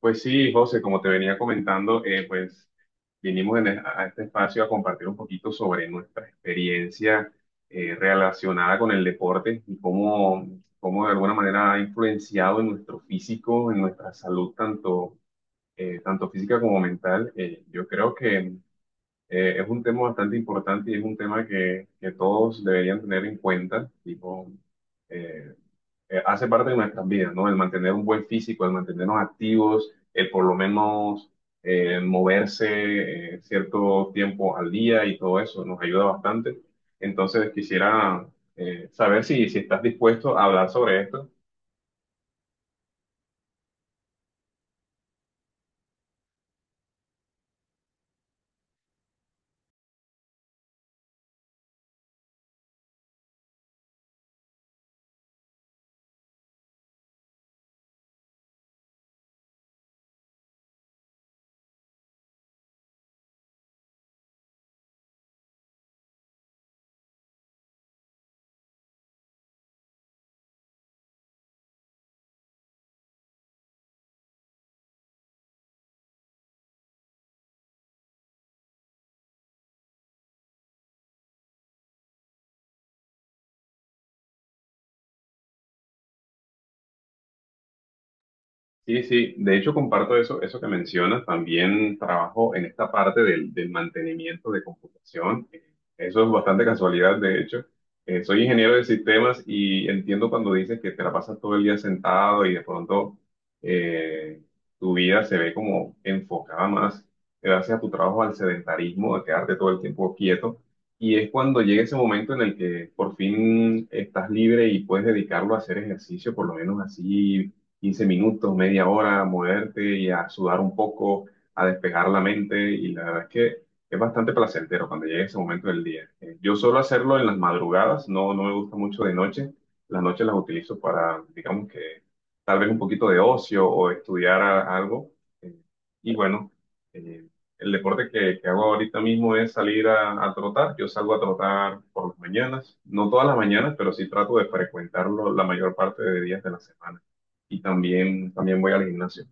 Pues sí, José, como te venía comentando, pues vinimos a este espacio a compartir un poquito sobre nuestra experiencia relacionada con el deporte y cómo de alguna manera ha influenciado en nuestro físico, en nuestra salud, tanto física como mental. Yo creo que es un tema bastante importante y es un tema que todos deberían tener en cuenta, tipo, eh, hace parte de nuestras vidas, ¿no? El mantener un buen físico, el mantenernos activos, el por lo menos moverse cierto tiempo al día y todo eso nos ayuda bastante. Entonces quisiera saber si estás dispuesto a hablar sobre esto. Sí, sí, de hecho comparto eso que mencionas, también trabajo en esta parte del mantenimiento de computación. Eso es bastante casualidad, de hecho. Soy ingeniero de sistemas y entiendo cuando dices que te la pasas todo el día sentado y de pronto eh, tu vida se ve como enfocada más gracias a tu trabajo al sedentarismo, a quedarte todo el tiempo quieto. Y es cuando llega ese momento en el que por fin estás libre y puedes dedicarlo a hacer ejercicio, por lo menos así 15 minutos, media hora, a moverte y a sudar un poco, a despejar la mente. Y la verdad es que es bastante placentero cuando llega ese momento del día. Yo suelo hacerlo en las madrugadas, no me gusta mucho de noche. Las noches las utilizo para, digamos que, tal vez un poquito de ocio o estudiar algo. Eh, y bueno, eh, el deporte que hago ahorita mismo es salir a trotar. Yo salgo a trotar por las mañanas, no todas las mañanas, pero sí trato de frecuentarlo la mayor parte de días de la semana y también voy al gimnasio.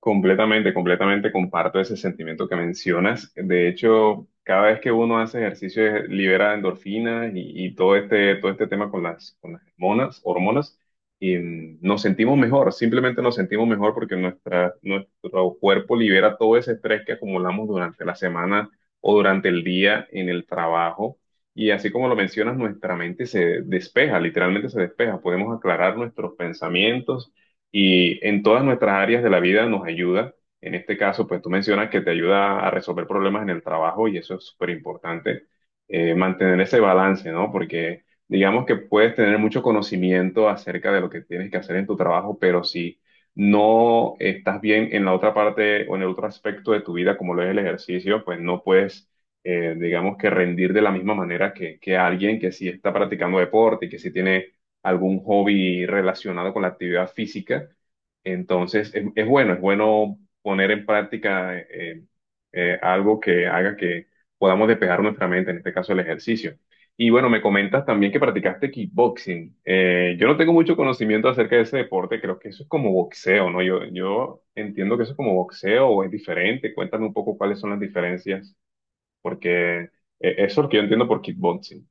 Completamente, completamente comparto ese sentimiento que mencionas. De hecho, cada vez que uno hace ejercicio libera endorfinas y todo este tema con con las hormonas y nos sentimos mejor, simplemente nos sentimos mejor porque nuestro cuerpo libera todo ese estrés que acumulamos durante la semana o durante el día en el trabajo. Y así como lo mencionas, nuestra mente se despeja, literalmente se despeja. Podemos aclarar nuestros pensamientos y en todas nuestras áreas de la vida nos ayuda. En este caso, pues tú mencionas que te ayuda a resolver problemas en el trabajo y eso es súper importante, mantener ese balance, ¿no? Porque digamos que puedes tener mucho conocimiento acerca de lo que tienes que hacer en tu trabajo, pero si no estás bien en la otra parte o en el otro aspecto de tu vida, como lo es el ejercicio, pues no puedes, digamos que rendir de la misma manera que alguien que sí está practicando deporte y que sí tiene algún hobby relacionado con la actividad física. Entonces, es bueno poner en práctica algo que haga que podamos despejar nuestra mente, en este caso el ejercicio. Y bueno, me comentas también que practicaste kickboxing. Yo no tengo mucho conocimiento acerca de ese deporte, creo que eso es como boxeo, ¿no? Yo entiendo que eso es como boxeo o es diferente. Cuéntame un poco cuáles son las diferencias, porque eso es lo que yo entiendo por kickboxing.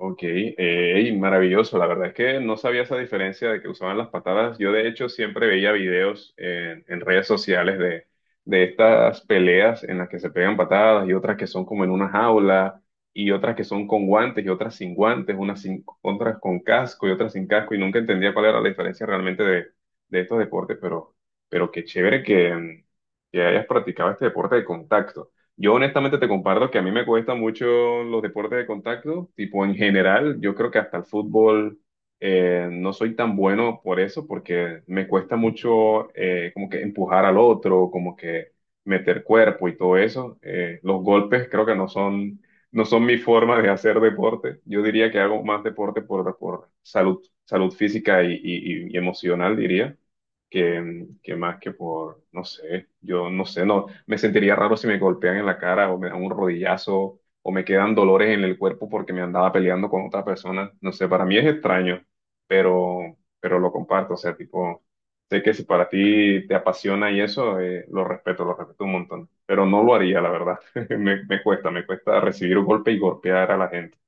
Ok, y maravilloso. La verdad es que no sabía esa diferencia de que usaban las patadas. Yo de hecho siempre veía videos en redes sociales de estas peleas en las que se pegan patadas y otras que son como en una jaula y otras que son con guantes y otras sin guantes, unas sin- otras con casco y otras sin casco y nunca entendía cuál era la diferencia realmente de estos deportes, pero qué chévere que hayas practicado este deporte de contacto. Yo honestamente te comparto que a mí me cuesta mucho los deportes de contacto, tipo en general, yo creo que hasta el fútbol no soy tan bueno por eso, porque me cuesta mucho como que empujar al otro, como que meter cuerpo y todo eso. Los golpes creo que no son mi forma de hacer deporte. Yo diría que hago más deporte por salud, salud física y y emocional, diría que más que por, no sé, yo no sé, no, me sentiría raro si me golpean en la cara o me dan un rodillazo o me quedan dolores en el cuerpo porque me andaba peleando con otra persona, no sé, para mí es extraño, pero lo comparto, o sea, tipo, sé que si para ti te apasiona y eso, lo respeto un montón, pero no lo haría, la verdad, me cuesta recibir un golpe y golpear a la gente.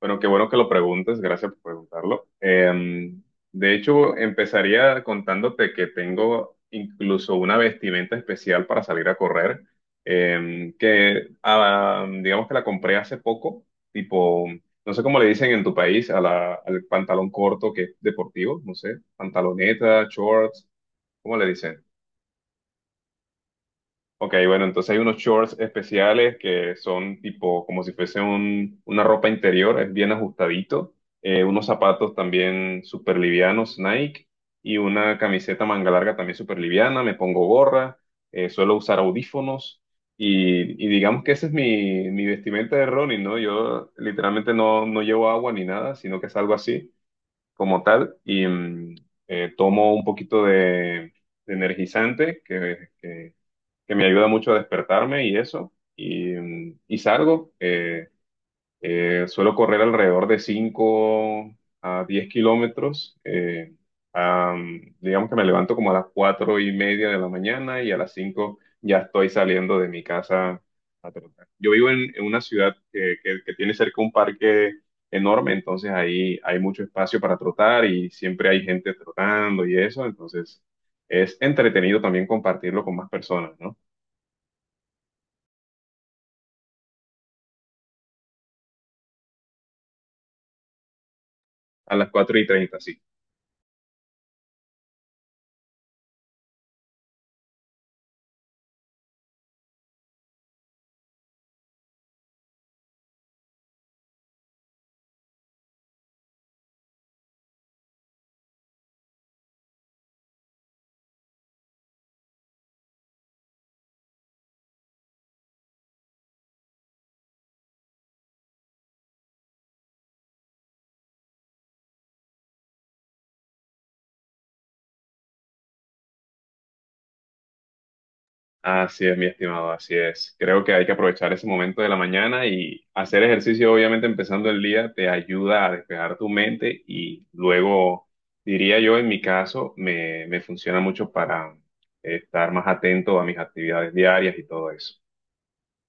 Bueno, qué bueno que lo preguntes, gracias por preguntarlo. De hecho, empezaría contándote que tengo incluso una vestimenta especial para salir a correr, que digamos que la compré hace poco, tipo, no sé cómo le dicen en tu país a al pantalón corto que es deportivo, no sé, pantaloneta, shorts, ¿cómo le dicen? Ok, bueno, entonces hay unos shorts especiales que son tipo como si fuese una ropa interior, es bien ajustadito, unos zapatos también súper livianos, Nike, y una camiseta manga larga también súper liviana, me pongo gorra, suelo usar audífonos, y digamos que ese es mi vestimenta de running, ¿no? Yo literalmente no llevo agua ni nada, sino que es algo así como tal, y tomo un poquito de energizante, que me ayuda mucho a despertarme y eso. Y, y salgo, suelo correr alrededor de 5 a 10 kilómetros. Digamos que me levanto como a las 4:30 de la mañana y a las 5 ya estoy saliendo de mi casa a trotar. Yo vivo en una ciudad que tiene cerca un parque enorme, entonces ahí hay mucho espacio para trotar y siempre hay gente trotando y eso, entonces es entretenido también compartirlo con más personas, ¿no? A las 4:30 sí. Así es, mi estimado, así es. Creo que hay que aprovechar ese momento de la mañana y hacer ejercicio, obviamente, empezando el día, te ayuda a despejar tu mente y luego, diría yo, en mi caso, me funciona mucho para estar más atento a mis actividades diarias y todo eso.